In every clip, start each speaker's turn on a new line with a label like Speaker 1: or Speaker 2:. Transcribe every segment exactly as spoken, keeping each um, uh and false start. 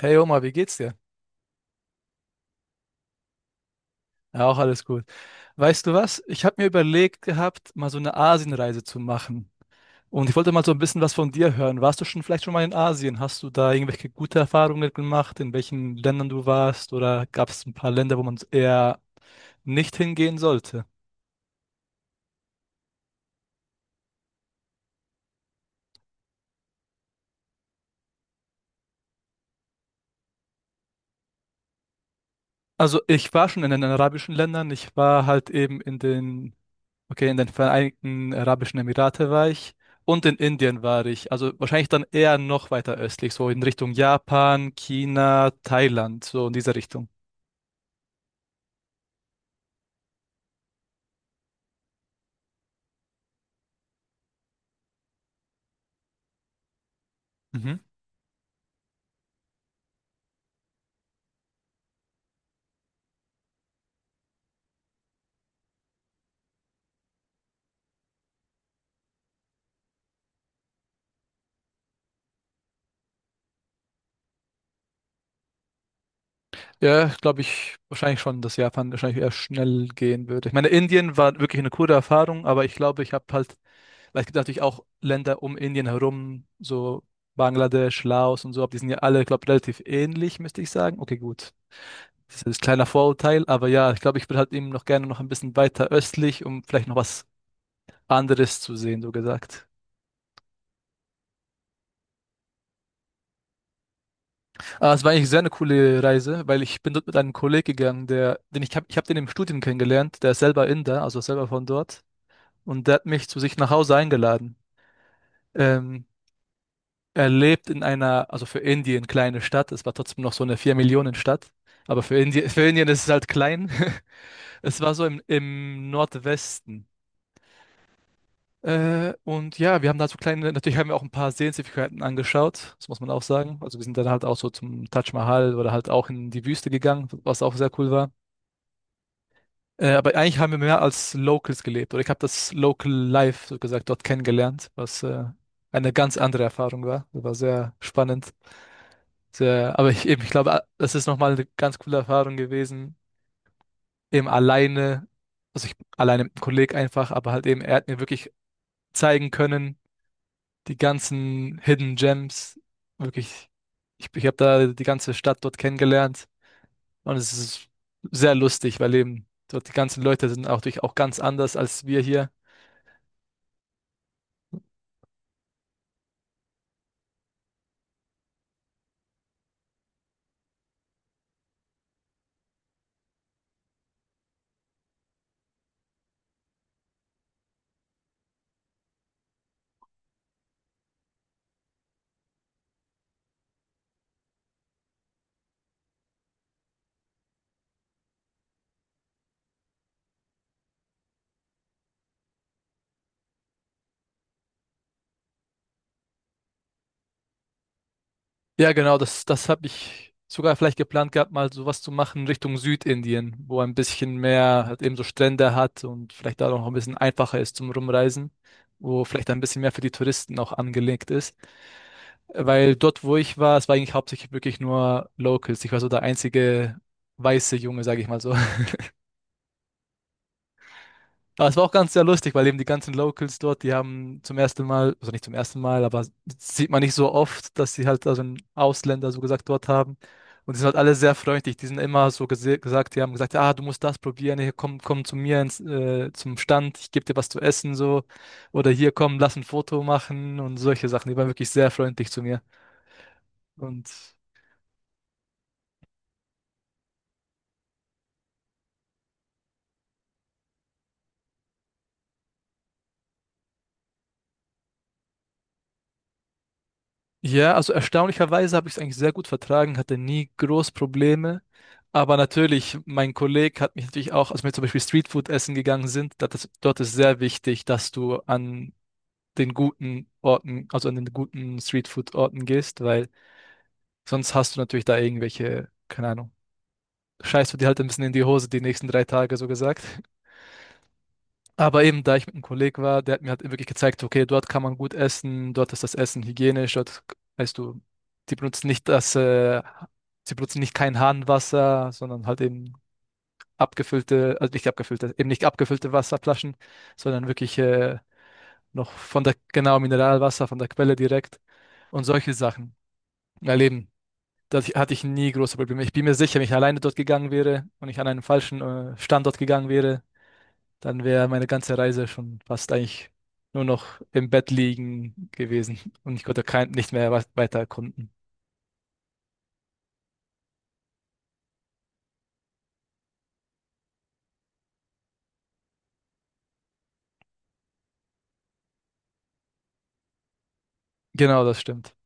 Speaker 1: Hey Oma, wie geht's dir? Ja, auch alles gut. Weißt du was? Ich habe mir überlegt gehabt, mal so eine Asienreise zu machen. Und ich wollte mal so ein bisschen was von dir hören. Warst du schon vielleicht schon mal in Asien? Hast du da irgendwelche gute Erfahrungen gemacht, in welchen Ländern du warst? Oder gab es ein paar Länder, wo man eher nicht hingehen sollte? Also ich war schon in den arabischen Ländern. Ich war halt eben in den Okay, in den Vereinigten Arabischen Emirate war ich und in Indien war ich. Also wahrscheinlich dann eher noch weiter östlich, so in Richtung Japan, China, Thailand, so in diese Richtung. Mhm. Ja, glaube ich wahrscheinlich schon, dass Japan wahrscheinlich eher schnell gehen würde. Ich meine, Indien war wirklich eine coole Erfahrung, aber ich glaube, ich habe halt, weil es gibt natürlich auch Länder um Indien herum, so Bangladesch, Laos und so, aber die sind ja alle, glaube ich, relativ ähnlich, müsste ich sagen. Okay, gut. Das ist ein kleiner Vorurteil, aber ja, ich glaube, ich würde halt eben noch gerne noch ein bisschen weiter östlich, um vielleicht noch was anderes zu sehen, so gesagt. Aber es war eigentlich sehr eine coole Reise, weil ich bin dort mit einem Kollegen gegangen, der, den ich habe, ich habe den im Studium kennengelernt, der ist selber Inder, also selber von dort, und der hat mich zu sich nach Hause eingeladen. Ähm, Er lebt in einer, also für Indien kleine Stadt, es war trotzdem noch so eine vier millionen stadt, aber für Indien, für Indien ist es halt klein. Es war so im, im Nordwesten. Äh, und ja, wir haben da so kleine, natürlich haben wir auch ein paar Sehenswürdigkeiten angeschaut, das muss man auch sagen. Also wir sind dann halt auch so zum Taj Mahal oder halt auch in die Wüste gegangen, was auch sehr cool war. Äh, aber eigentlich haben wir mehr als Locals gelebt oder ich habe das Local Life, so gesagt, dort kennengelernt, was äh, eine ganz andere Erfahrung war. Das war sehr spannend. Sehr, aber ich eben, ich glaube, ah, das ist nochmal eine ganz coole Erfahrung gewesen, eben alleine, also ich alleine mit einem Kollegen einfach, aber halt eben, er hat mir wirklich zeigen können, die ganzen Hidden Gems. Wirklich, ich, ich habe da die ganze Stadt dort kennengelernt und es ist sehr lustig, weil eben dort die ganzen Leute sind auch durch auch ganz anders als wir hier. Ja, genau, das, das habe ich sogar vielleicht geplant gehabt, mal sowas zu machen Richtung Südindien, wo ein bisschen mehr halt eben so Strände hat und vielleicht da noch ein bisschen einfacher ist zum Rumreisen, wo vielleicht ein bisschen mehr für die Touristen auch angelegt ist. Weil dort, wo ich war, es war eigentlich hauptsächlich wirklich nur Locals. Ich war so der einzige weiße Junge, sage ich mal so. Aber es war auch ganz sehr lustig, weil eben die ganzen Locals dort, die haben zum ersten Mal, also nicht zum ersten Mal, aber sieht man nicht so oft, dass sie halt also einen Ausländer so gesagt dort haben. Und die sind halt alle sehr freundlich. Die sind immer so gese- gesagt, die haben gesagt, ah, du musst das probieren, hier komm, komm zu mir ins, äh, zum Stand, ich gebe dir was zu essen so. Oder hier komm, lass ein Foto machen und solche Sachen. Die waren wirklich sehr freundlich zu mir. Und ja, also erstaunlicherweise habe ich es eigentlich sehr gut vertragen, hatte nie groß Probleme. Aber natürlich, mein Kollege hat mich natürlich auch, als wir zum Beispiel Streetfood essen gegangen sind, dat ist, dort ist sehr wichtig, dass du an den guten Orten, also an den guten Streetfood-Orten gehst, weil sonst hast du natürlich da irgendwelche, keine Ahnung, scheißt du dir halt ein bisschen in die Hose die nächsten drei Tage, so gesagt. Aber eben, da ich mit einem Kollegen war, der hat mir halt wirklich gezeigt, okay, dort kann man gut essen, dort ist das Essen hygienisch, dort, weißt du, die benutzen nicht das, äh, sie benutzen nicht kein Hahnwasser, sondern halt eben abgefüllte, also nicht abgefüllte, eben nicht abgefüllte Wasserflaschen, sondern wirklich äh, noch von der, genau, Mineralwasser, von der Quelle direkt und solche Sachen. Weil eben, da hatte ich nie große Probleme. Ich bin mir sicher, wenn ich alleine dort gegangen wäre und ich an einen falschen äh, Standort gegangen wäre, dann wäre meine ganze Reise schon fast eigentlich nur noch im Bett liegen gewesen und ich konnte kein, nicht mehr was- weiter erkunden. Genau, das stimmt.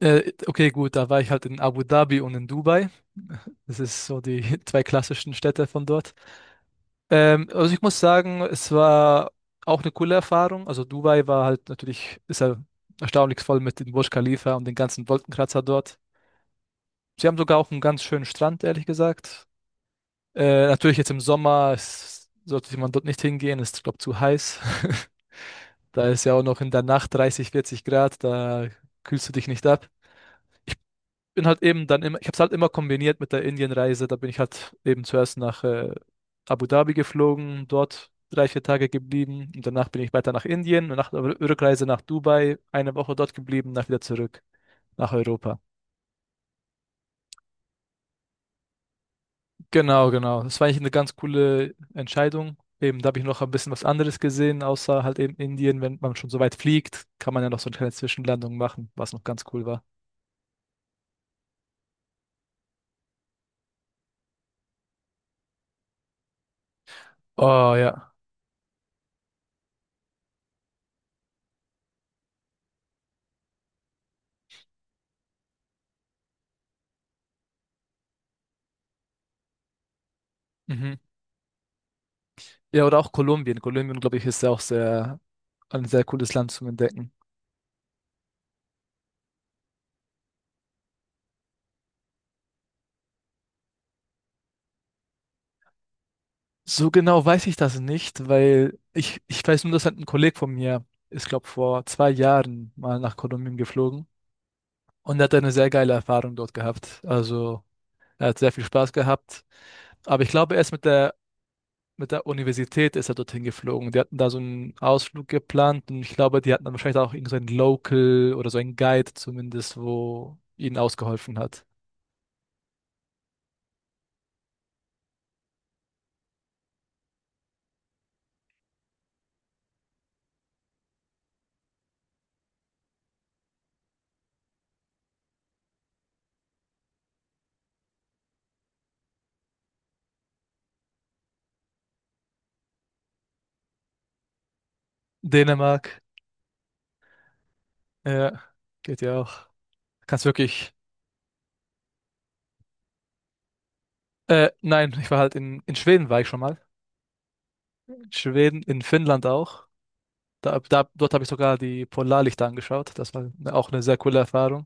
Speaker 1: Äh, okay, gut, da war ich halt in Abu Dhabi und in Dubai. Das ist so die zwei klassischen Städte von dort. Ähm, also ich muss sagen, es war auch eine coole Erfahrung. Also Dubai war halt natürlich, ist ja erstaunlich voll mit dem Burj Khalifa und den ganzen Wolkenkratzer dort. Sie haben sogar auch einen ganz schönen Strand, ehrlich gesagt. Äh, natürlich jetzt im Sommer s- sollte man dort nicht hingehen, ist, glaube zu heiß. Da ist ja auch noch in der Nacht dreißig, vierzig Grad, da kühlst du dich nicht ab. Ich bin halt eben dann immer, ich habe es halt immer kombiniert mit der Indienreise. Da bin ich halt eben zuerst nach äh, Abu Dhabi geflogen, dort drei, vier Tage geblieben und danach bin ich weiter nach Indien und nach der Rückreise nach Dubai eine Woche dort geblieben, nach wieder zurück nach Europa. Genau, genau. Das war eigentlich eine ganz coole Entscheidung. Eben, da habe ich noch ein bisschen was anderes gesehen, außer halt eben Indien. Wenn man schon so weit fliegt, kann man ja noch so eine kleine Zwischenlandung machen, was noch ganz cool war. Oh ja. Mhm. Ja, oder auch Kolumbien. Kolumbien, glaube ich, ist ja auch sehr, ein sehr cooles Land zum Entdecken. So genau weiß ich das nicht, weil ich, ich weiß nur, dass halt ein Kollege von mir ist, glaube vor zwei Jahren mal nach Kolumbien geflogen und er hat eine sehr geile Erfahrung dort gehabt. Also er hat sehr viel Spaß gehabt. Aber ich glaube, er ist mit der mit der Universität ist er dorthin geflogen. Die hatten da so einen Ausflug geplant und ich glaube, die hatten dann wahrscheinlich auch irgend so einen Local oder so einen Guide zumindest, wo ihnen ausgeholfen hat. Dänemark, ja, geht ja auch. Kannst wirklich. Äh, nein, ich war halt in, in Schweden war ich schon mal. In Schweden, in Finnland auch. Da, da, dort habe ich sogar die Polarlichter angeschaut. Das war ne- auch eine sehr coole Erfahrung.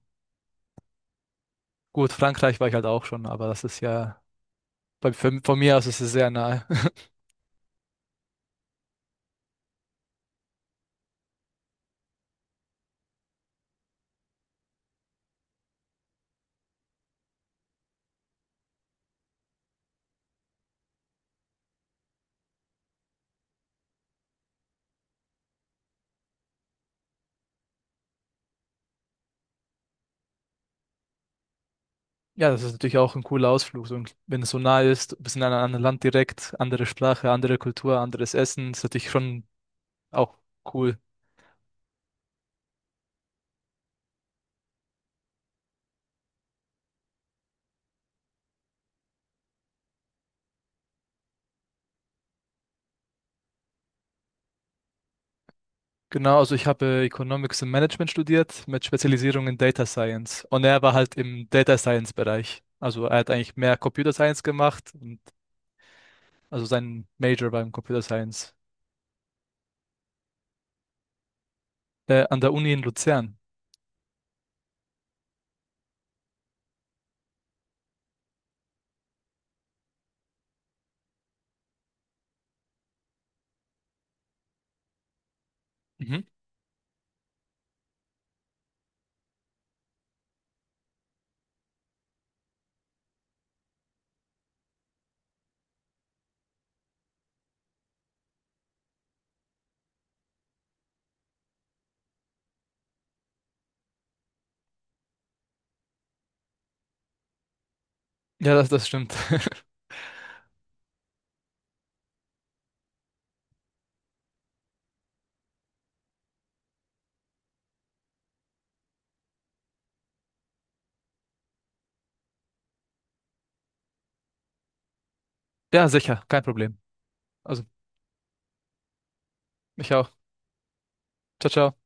Speaker 1: Gut, Frankreich war ich halt auch schon, aber das ist ja bei, für, von mir aus ist es sehr nahe. Ja, das ist natürlich auch ein cooler Ausflug. So, ein- wenn es so nah ist, du bist in einem anderen Land direkt, andere Sprache, andere Kultur, anderes Essen, ist natürlich schon auch cool. Genau, also ich habe Economics und Management studiert mit Spezialisierung in Data Science. Und er war halt im Data Science Bereich. Also er hat eigentlich mehr Computer Science gemacht und also sein Major war im Computer Science. Äh, an der Uni in Luzern. Mhm. Ja, das, das stimmt. Ja, sicher, kein Problem. Also, ich auch. Ciao, ciao.